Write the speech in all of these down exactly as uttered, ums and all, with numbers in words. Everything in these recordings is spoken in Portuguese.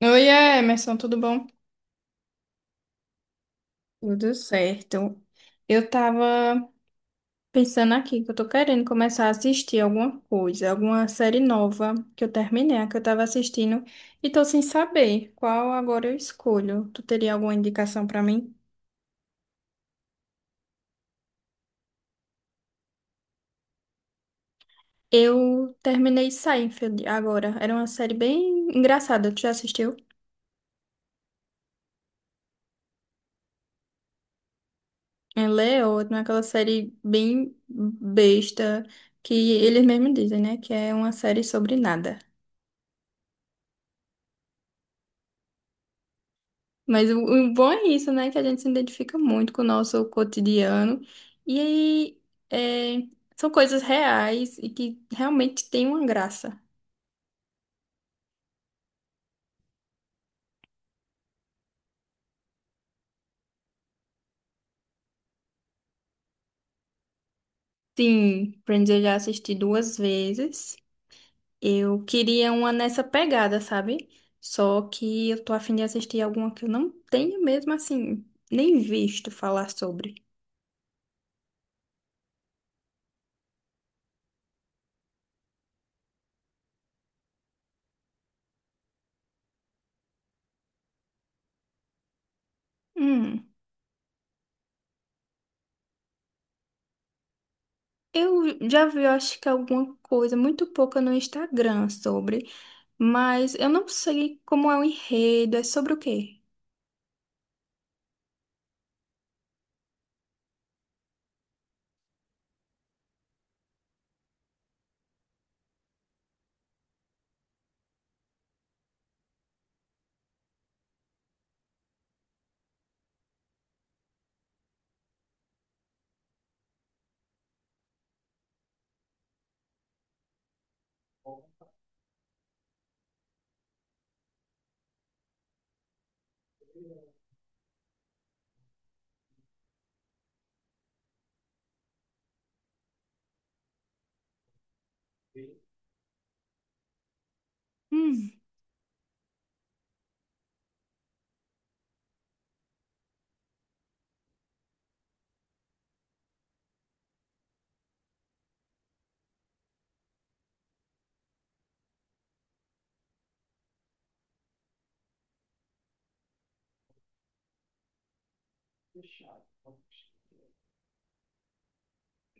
Oi, Emerson, tudo bom? Tudo certo. Eu tava pensando aqui que eu tô querendo começar a assistir alguma coisa, alguma série nova que eu terminei, a que eu tava assistindo, e tô sem saber qual agora eu escolho. Tu teria alguma indicação pra mim? Eu terminei Seinfeld agora. Era uma série bem engraçada. Tu já assistiu? Ela é ótima, aquela série bem besta que eles mesmos dizem, né? Que é uma série sobre nada. Mas o, o bom é isso, né? Que a gente se identifica muito com o nosso cotidiano. E aí, é, são coisas reais e que realmente têm uma graça. Sim, Friends eu já assisti duas vezes. Eu queria uma nessa pegada, sabe? Só que eu tô afim de assistir alguma que eu não tenho mesmo, assim, nem visto falar sobre. Hum, eu já vi, eu acho que alguma coisa, muito pouca no Instagram sobre. Mas eu não sei como é o enredo, é sobre o quê? Hum.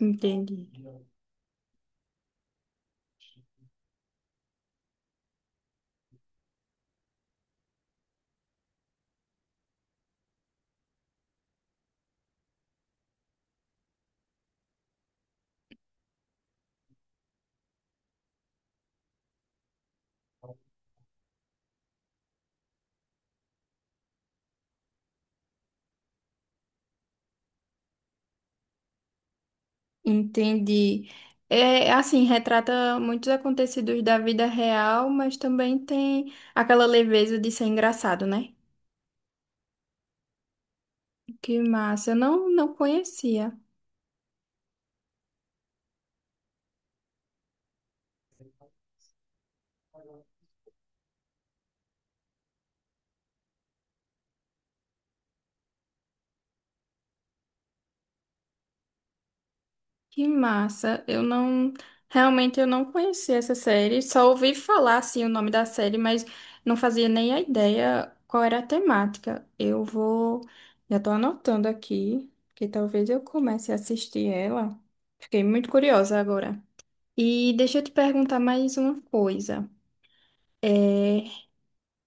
Entendi. Entendi. É assim, retrata muitos acontecidos da vida real, mas também tem aquela leveza de ser engraçado, né? Que massa, eu não, não conhecia. Que massa. Eu não. Realmente eu não conhecia essa série. Só ouvi falar assim o nome da série, mas não fazia nem a ideia qual era a temática. Eu vou. Já tô anotando aqui, que talvez eu comece a assistir ela. Fiquei muito curiosa agora. E deixa eu te perguntar mais uma coisa. É,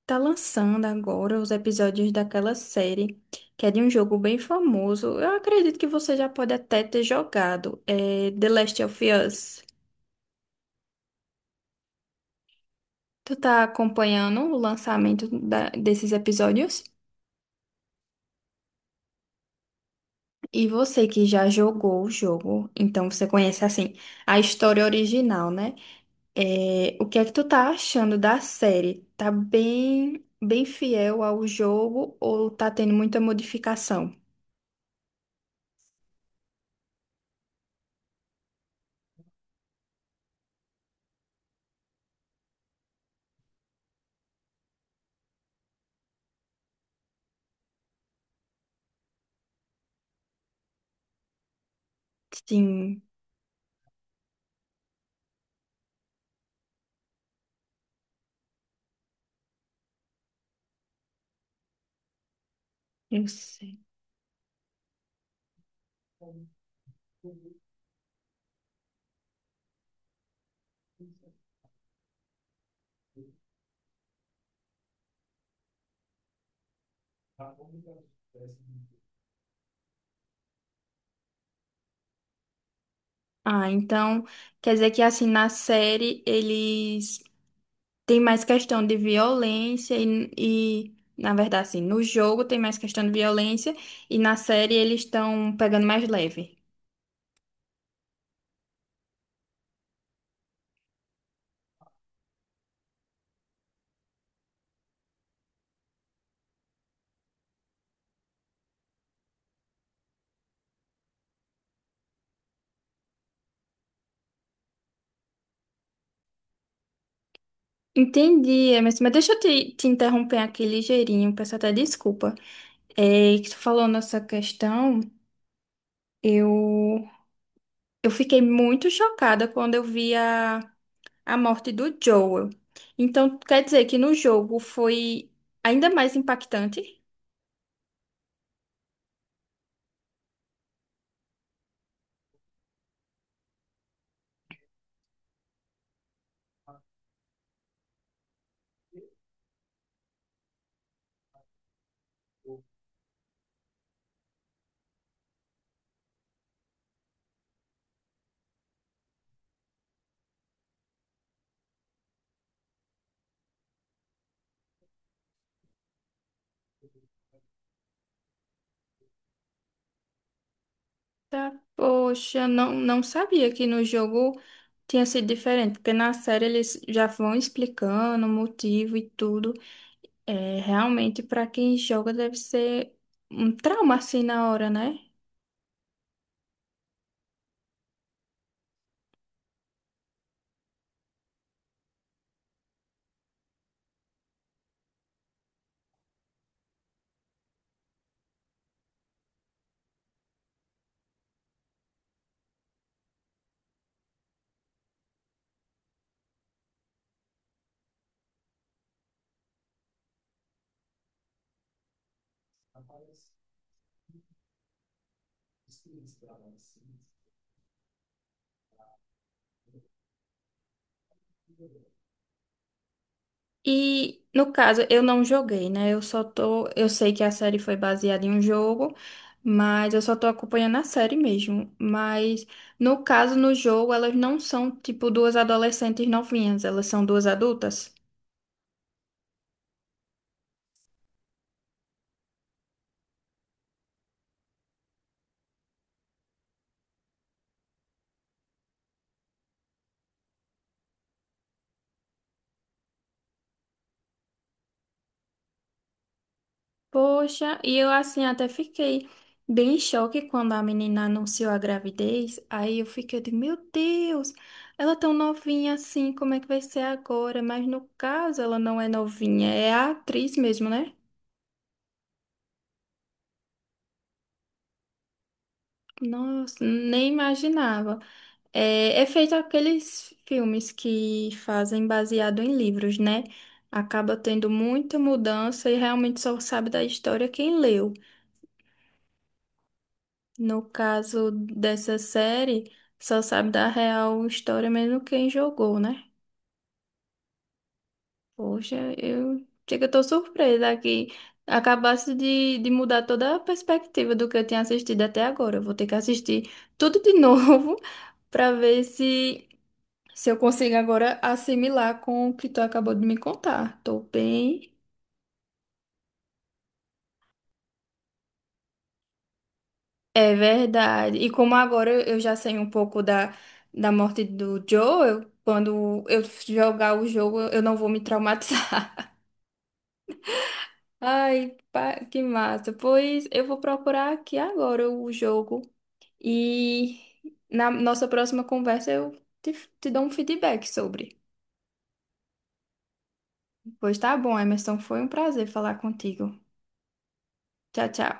Tá lançando agora os episódios daquela série, que é de um jogo bem famoso. Eu acredito que você já pode até ter jogado, é The Last of Us. Tu tá acompanhando o lançamento da- desses episódios? E você que já jogou o jogo, então você conhece assim a história original, né? É, o que é que tu tá achando da série? Tá bem, bem fiel ao jogo ou tá tendo muita modificação? Sim, eu sei. Ah, então quer dizer que assim na série eles têm mais questão de violência e, e, na verdade assim, no jogo tem mais questão de violência e na série eles estão pegando mais leve. Entendi, mas, mas deixa eu te, te interromper aqui ligeirinho, peço até desculpa. É que tu falou nessa questão. Eu, eu fiquei muito chocada quando eu vi a, a morte do Joel. Então, quer dizer que no jogo foi ainda mais impactante? Tá, poxa, não, não sabia que no jogo tinha sido diferente, porque na série eles já vão explicando o motivo e tudo. É, realmente, para quem joga, deve ser um trauma assim na hora, né? E no caso, eu não joguei, né? Eu só tô. Eu sei que a série foi baseada em um jogo, mas eu só tô acompanhando a série mesmo. Mas no caso, no jogo, elas não são tipo duas adolescentes novinhas, elas são duas adultas. Poxa, e eu assim até fiquei bem em choque quando a menina anunciou a gravidez. Aí eu fiquei de, meu Deus, ela é tão novinha assim, como é que vai ser agora? Mas no caso, ela não é novinha, é a atriz mesmo, né? Nossa, nem imaginava. É, é feito aqueles filmes que fazem baseado em livros, né? Acaba tendo muita mudança e realmente só sabe da história quem leu. No caso dessa série, só sabe da real história mesmo quem jogou, né? Poxa, eu chega, eu tô surpresa que acabasse de, de mudar toda a perspectiva do que eu tinha assistido até agora. Eu vou ter que assistir tudo de novo para ver se. Se eu consigo agora assimilar com o que tu acabou de me contar. Tô bem. É verdade. E como agora eu já sei um pouco da, da morte do Joe, eu- quando eu jogar o jogo, eu não vou me traumatizar. Ai, pá, que massa. Pois eu vou procurar aqui agora o jogo. E na nossa próxima conversa eu te, te dou um feedback sobre. Pois tá bom, Emerson. Foi um prazer falar contigo. Tchau, tchau.